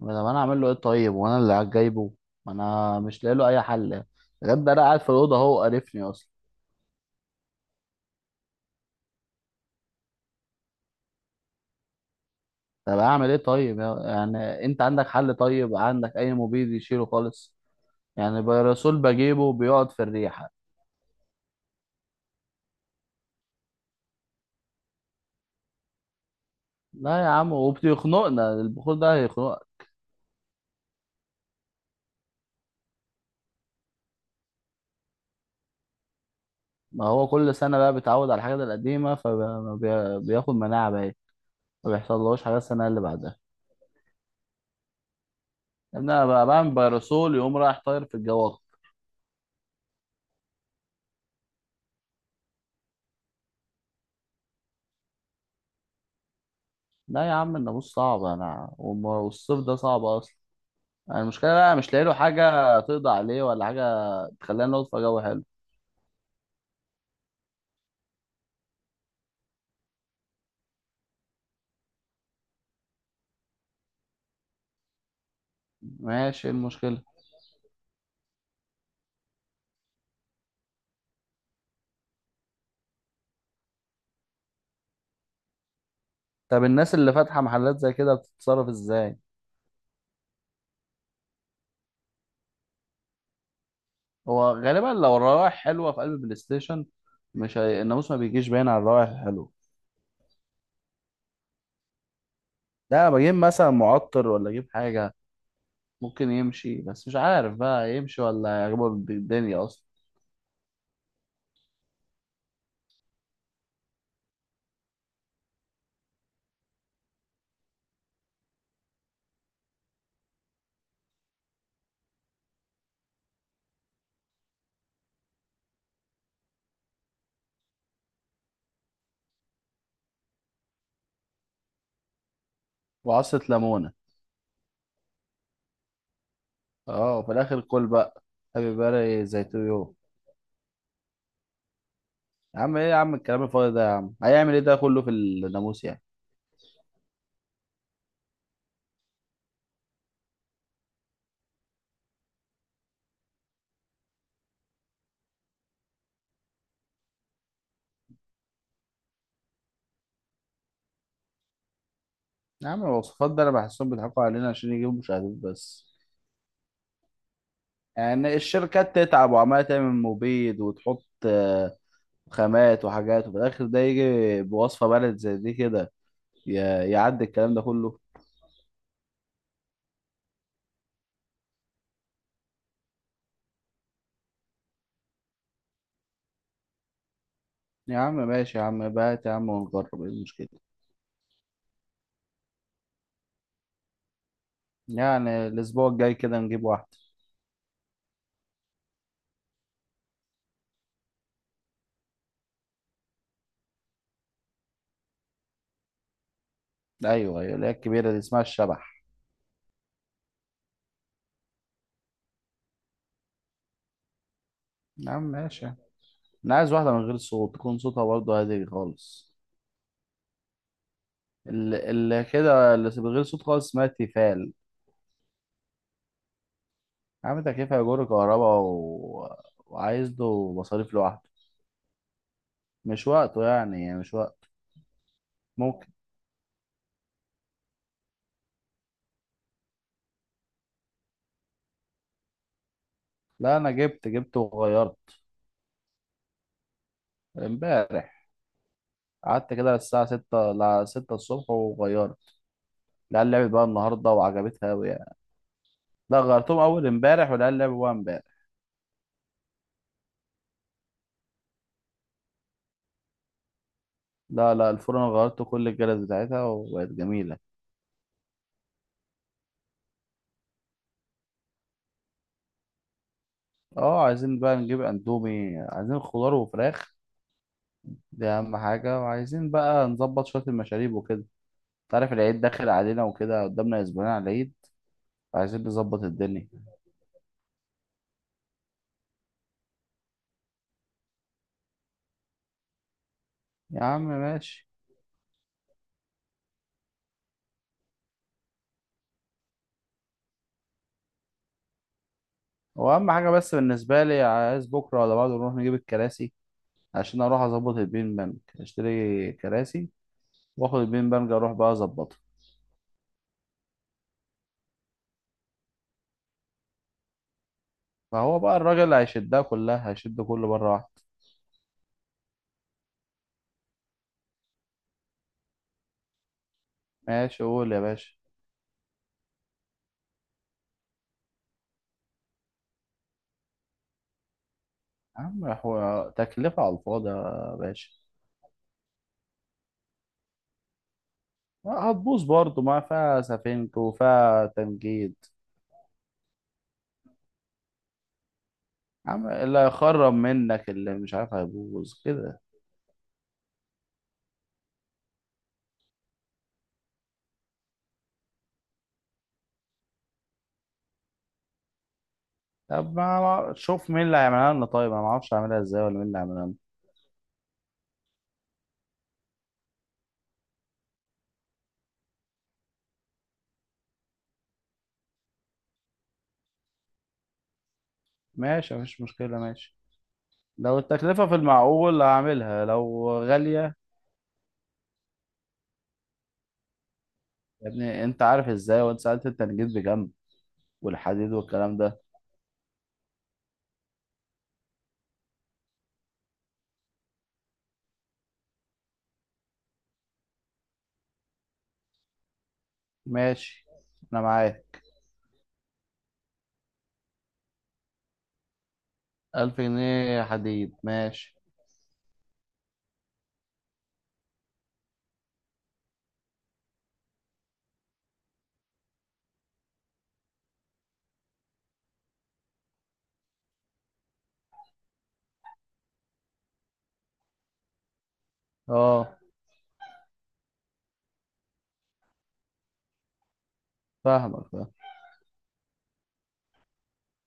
ما طب انا اعمل له ايه طيب، وانا اللي قاعد جايبه. ما انا مش لاقي له اي حل غير ده. انا قاعد في الاوضه هو قرفني اصلا. طب اعمل ايه طيب يعني انت عندك حل؟ طيب عندك اي مبيد يشيله خالص؟ يعني بيرسول بجيبه بيقعد في الريحه. لا يا عم وبيخنقنا، البخور ده هيخنقك. ما هو كل سنه بقى بيتعود على الحاجات القديمه فبياخد مناعه بقى. ما بيحصلهوش حاجه السنه اللي بعدها. ان انا بقى بعمل بيرسول يقوم رايح طاير في الجو. لا يا عم الناموس صعب. انا والصيف ده صعب اصلا. يعني المشكلة بقى مش لاقي له حاجة تقضي عليه ولا حاجة تخلينا نقعد في جو حلو. ماشي، إيه المشكلة؟ طب الناس اللي فاتحة محلات زي كده بتتصرف ازاي؟ هو غالبا لو الروائح حلوة في قلب البلاي ستيشن. مش هي... الناموس ما بيجيش باين على الروائح الحلوة. ده انا بجيب مثلا معطر ولا اجيب حاجة ممكن يمشي، بس مش عارف بقى يمشي ولا يعجبه الدنيا اصلا. وعصة ليمونة؟ اه وفي الاخر كل بقى هابي باري زي تو يو. يا عم ايه يا عم الكلام الفاضي ده؟ يا عم هيعمل ايه ده كله في الناموس يعني؟ يا عم الوصفات ده انا بحسهم بيضحكوا علينا عشان يجيبوا مشاهدات بس. يعني الشركات تتعب وعمالة تعمل مبيد وتحط خامات وحاجات، وفي الآخر ده يجي بوصفة بلد زي دي كده يعدي الكلام ده كله. يا عم ماشي يا عم بات يا عم، ونجرب ايه المشكلة. يعني الأسبوع الجاي كده نجيب واحدة. أيوه أيوه، اللي هي الكبيرة دي اسمها الشبح. يا عم ماشي. أنا عايز واحدة من غير صوت، تكون صوتها برضه هادي خالص. اللي كده اللي من غير صوت خالص اسمها تيفال. عامل تكييف هيجر كهرباء و... وعايز له مصاريف لوحده. مش وقته يعني مش وقت. ممكن. لا انا جبت وغيرت امبارح. قعدت كده للساعة 6 ل 6 الصبح وغيرت. العيال لعبت بقى النهاردة وعجبتها أوي يعني. لا غيرتهم أول امبارح، والعيال لعبوا بقى امبارح. لا لا، الفرن غيرت كل الجلد بتاعتها وبقت جميلة. اه عايزين بقى نجيب اندومي، عايزين خضار وفراخ. دي أهم حاجة. وعايزين بقى نظبط شوية المشاريب وكده. تعرف العيد داخل علينا وكده، قدامنا أسبوعين على العيد. عايزين نظبط الدنيا. يا عم ماشي. هو اهم حاجه بس بالنسبه لي عايز بكره ولا بعده نروح نجيب الكراسي، عشان اروح اظبط البين بانج. اشتري كراسي واخد البين بانج اروح بقى اظبطها، فهو بقى الراجل اللي هيشدها كلها هيشد كله مره واحده. ماشي قول يا باشا. يا عم هو تكلفه على الفاضي يا باشا. هتبوظ برضه، ما فيها سفنك وفيها تنجيد. يا عم اللي هيخرب منك اللي مش عارف هيبوظ كده. طب ما أنا- شوف مين اللي هيعملها لنا طيب. انا ما اعرفش اعملها ازاي، ولا مين اللي هيعملها لنا. ماشي مفيش مشكله ماشي. لو التكلفه في المعقول هعملها، لو غاليه يا ابني انت عارف ازاي، وانت سالت انت جيت بكام؟ والحديد والكلام ده. ماشي، انا معاك. 1000 جنيه حديد ماشي. اه، فاهمك فاهم.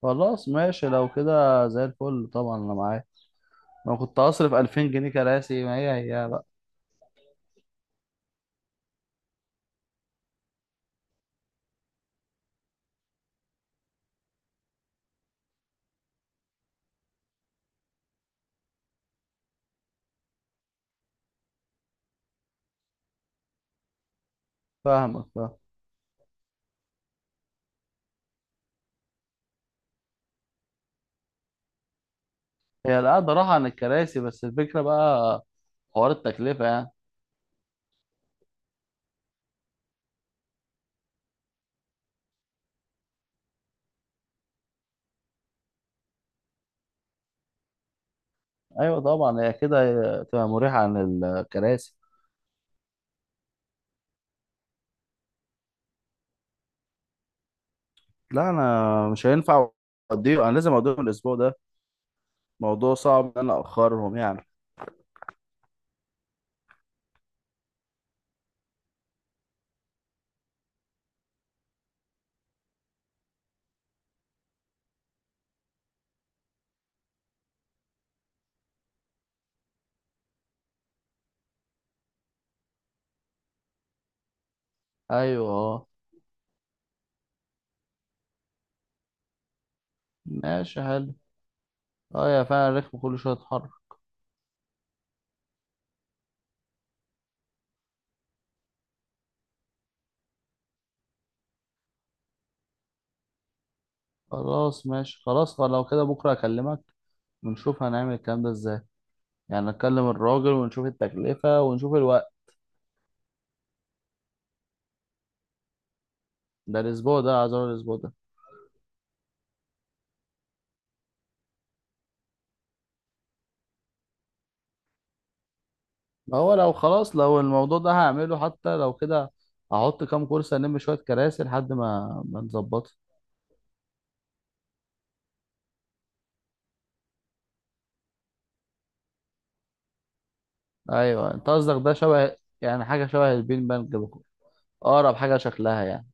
خلاص ماشي لو كده زي الفل، طبعا انا معاك. ما كنت هصرف 2000 جنيه كراسي؟ ما هي هي بقى. فاهمك فاهم. هي القعدة راحة عن الكراسي، بس الفكرة بقى حوار التكلفة يعني. ايوه طبعا هي كده، تبقى مريحه عن الكراسي. لا انا مش هينفع اوديه، انا لازم اوديهم الاسبوع ده. موضوع صعب ان انا اخرهم يعني. ايوه اه، ماشي حلو. اه يا فعلا الركب كل شويه اتحرك. خلاص ماشي خلاص. طب لو كده بكره اكلمك ونشوف هنعمل الكلام ده ازاي. يعني نكلم الراجل ونشوف التكلفه ونشوف الوقت. ده الاسبوع ده عايز أقول الاسبوع ده. ما هو لو خلاص لو الموضوع ده هعمله حتى لو كده، هحط كام كرسي، شويه كراسي لحد ما نظبطها. ايوه، انت قصدك ده شبه يعني، حاجه شبه البين بانج اقرب حاجه شكلها يعني.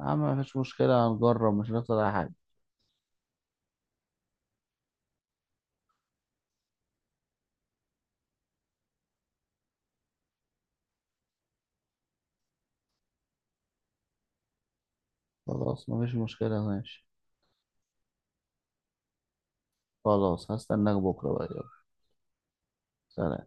يا عم مفيش مشكله، هنجرب مش هنخسر اي حاجه. خلاص مفيش مشكله ماشي. خلاص هستناك بكره بقى يلا. سلام.